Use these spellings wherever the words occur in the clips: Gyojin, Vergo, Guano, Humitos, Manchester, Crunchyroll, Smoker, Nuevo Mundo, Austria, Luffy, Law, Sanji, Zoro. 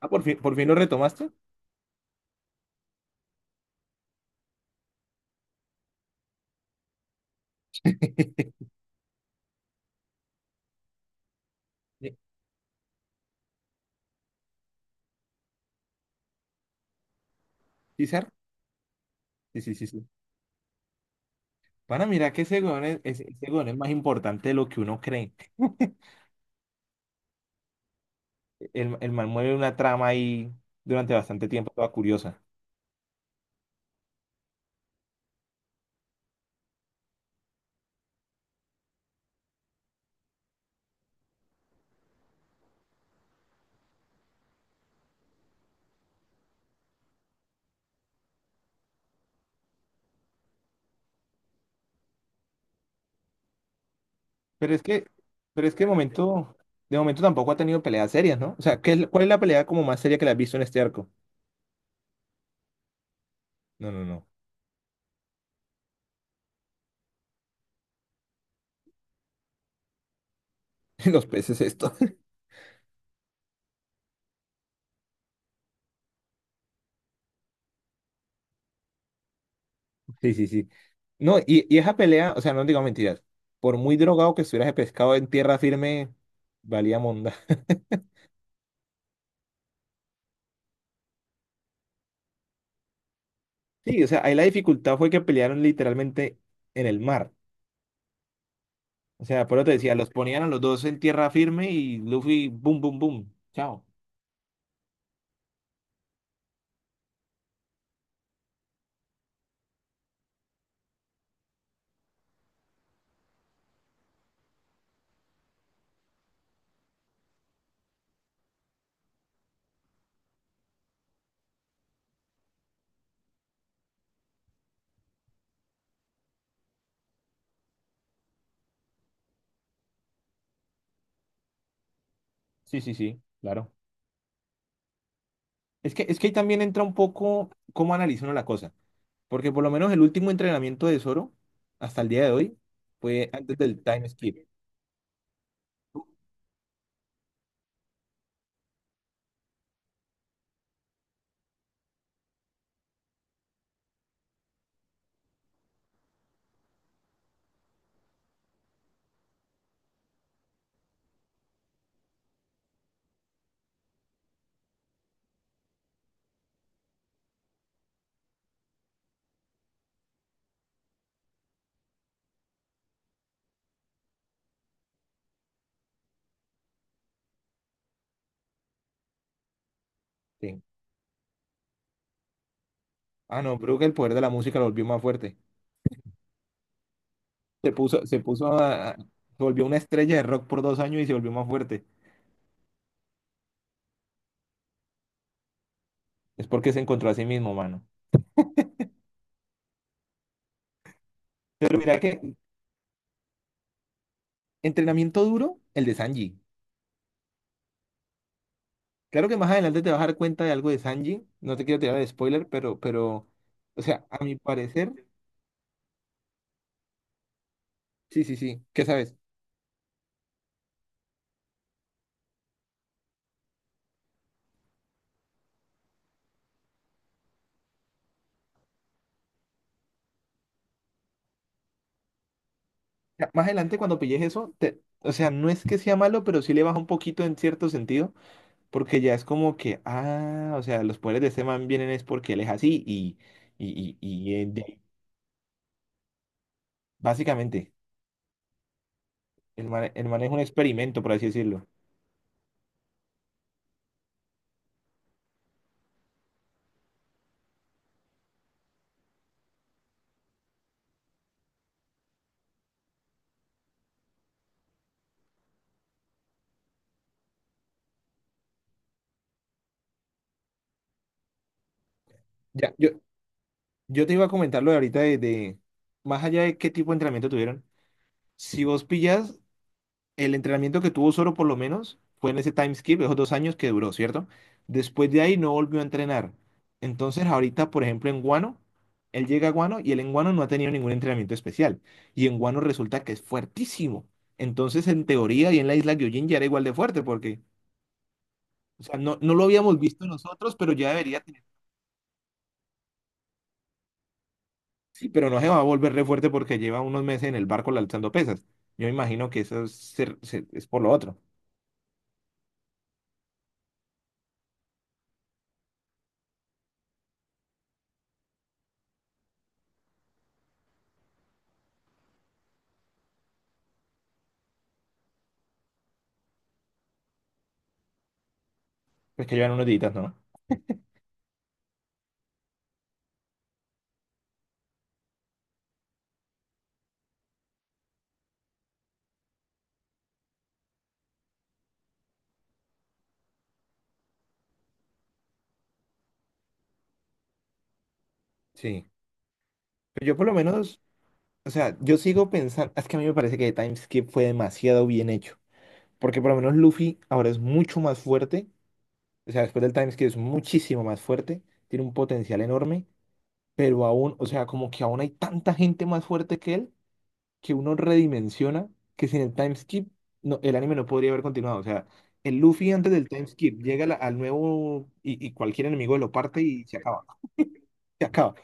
Ah, por fin lo retomaste. Sí, ¿Sar? Sí. Van a mirar que ese weón es, ese weón es más importante de lo que uno cree. El man mueve una trama ahí durante bastante tiempo, toda curiosa. Pero es que, pero es que de momento tampoco ha tenido peleas serias, ¿no? O sea, ¿cuál es la pelea como más seria que la has visto en este arco? No. Los peces esto. Sí, sí, sí. No, y esa pelea, o sea, no digo mentiras. Por muy drogado que estuvieras de pescado en tierra firme, valía monda. Sí, o sea, ahí la dificultad fue que pelearon literalmente en el mar. O sea, por eso te decía, los ponían a los dos en tierra firme y Luffy, boom, boom, boom. Chao. Sí, sí, sí, claro. Es que ahí también entra un poco cómo analiza uno la cosa. Porque por lo menos el último entrenamiento de Zoro, hasta el día de hoy, fue antes del time skip. Sí. Ah, no, creo que el poder de la música lo volvió más fuerte. Se puso, se volvió una estrella de rock por 2 años y se volvió más fuerte. Es porque se encontró a sí mismo, mano. Pero mira que entrenamiento duro, el de Sanji. Claro que más adelante te vas a dar cuenta de algo de Sanji. No te quiero tirar de spoiler, pero, o sea, a mi parecer, sí, sí, sí. ¿Qué sabes? O más adelante cuando pilles eso, te, o sea, no es que sea malo, pero sí le baja un poquito en cierto sentido, porque ya es como que, ah, o sea, los poderes de este man vienen es porque él es así y. Básicamente, el man es un experimento, por así decirlo. Ya, yo, yo te iba a comentar lo de ahorita de más allá de qué tipo de entrenamiento tuvieron. Si vos pillas el entrenamiento que tuvo Soro por lo menos, fue en ese time skip, esos 2 años que duró, ¿cierto? Después de ahí no volvió a entrenar. Entonces ahorita, por ejemplo, en Guano, él llega a Guano y él en Guano no ha tenido ningún entrenamiento especial. Y en Guano resulta que es fuertísimo. Entonces, en teoría y en la isla Gyojin ya era igual de fuerte porque, o sea, no lo habíamos visto nosotros, pero ya debería tener. Sí, pero no se va a volver re fuerte porque lleva unos meses en el barco alzando pesas. Yo imagino que eso es, es por lo otro. Pues que llevan unos días, ¿no? Sí. Pero yo por lo menos, o sea, yo sigo pensando, es que a mí me parece que Timeskip fue demasiado bien hecho, porque por lo menos Luffy ahora es mucho más fuerte, o sea, después del Timeskip es muchísimo más fuerte, tiene un potencial enorme, pero aún, o sea, como que aún hay tanta gente más fuerte que él, que uno redimensiona que sin el Timeskip no, el anime no podría haber continuado, o sea, el Luffy antes del Timeskip llega a al nuevo y cualquier enemigo lo parte y se acaba.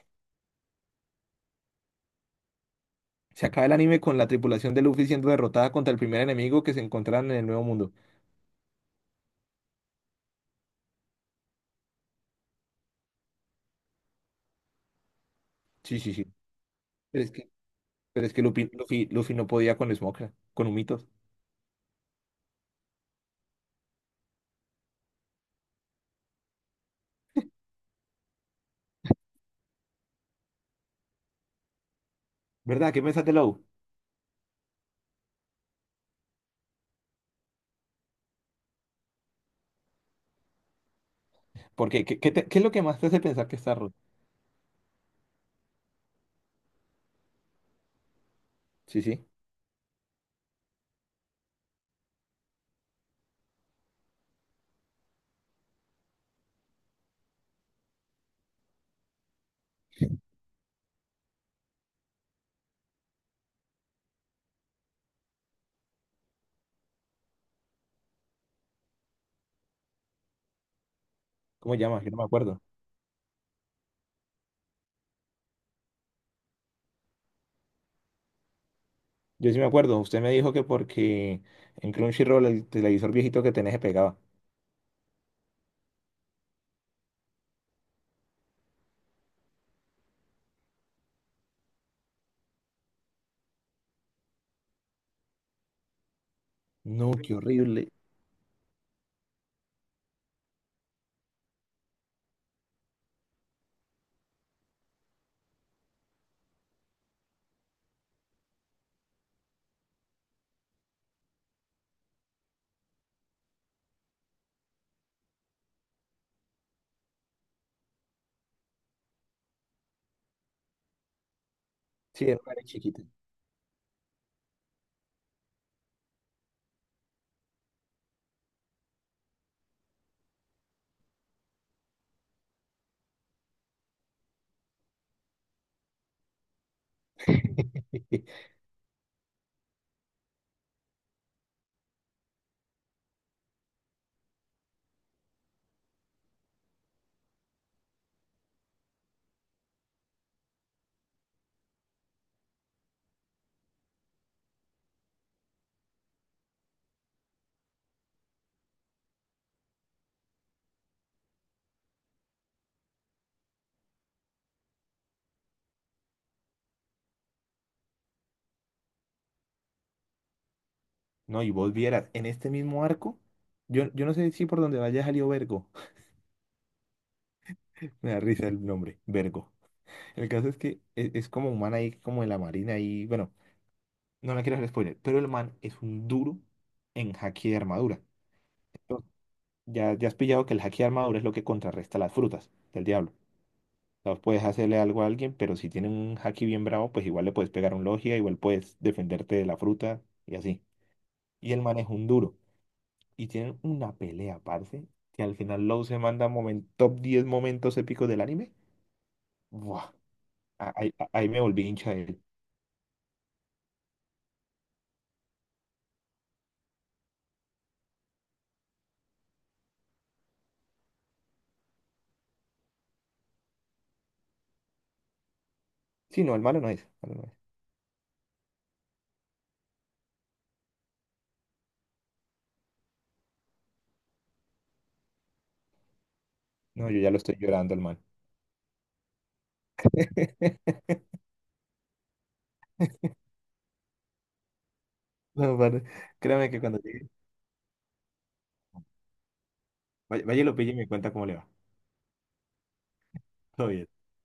Se acaba el anime con la tripulación de Luffy siendo derrotada contra el primer enemigo que se encontraron en el Nuevo Mundo. Sí, sí, sí. Pero es que, pero es que Luffy no podía con Smoker, con Humitos. ¿Verdad? ¿Qué pensás de Law? Porque, ¿qué es lo que más te hace pensar que está roto? Sí, sí. ¿Cómo se llama? Yo no me acuerdo. Yo sí me acuerdo. Usted me dijo que porque en Crunchyroll el televisor viejito que tenés se pegaba. No, qué horrible. Sí, era una área chiquita. No, y vos vieras, en este mismo arco, yo no sé si por donde vaya salió Vergo. Me da risa el nombre, Vergo. El caso es que es, como un man ahí, como de la marina y bueno, no la quiero hacer spoiler, pero el man es un duro en haki de armadura. Entonces, ya has pillado que el haki de armadura es lo que contrarresta las frutas del diablo. O sea, puedes hacerle algo a alguien, pero si tiene un haki bien bravo, pues igual le puedes pegar un logia, igual puedes defenderte de la fruta y así. Y el man es un duro. Y tienen una pelea, parce, que al final Law se manda top 10 momentos épicos del anime. Buah, ahí me volví hincha. Sí, no, el malo no es. Malo no es. No, yo ya lo estoy llorando al mal. No, padre, créame que cuando llegue, vaya y lo pille y me cuenta cómo le va. Todo bien.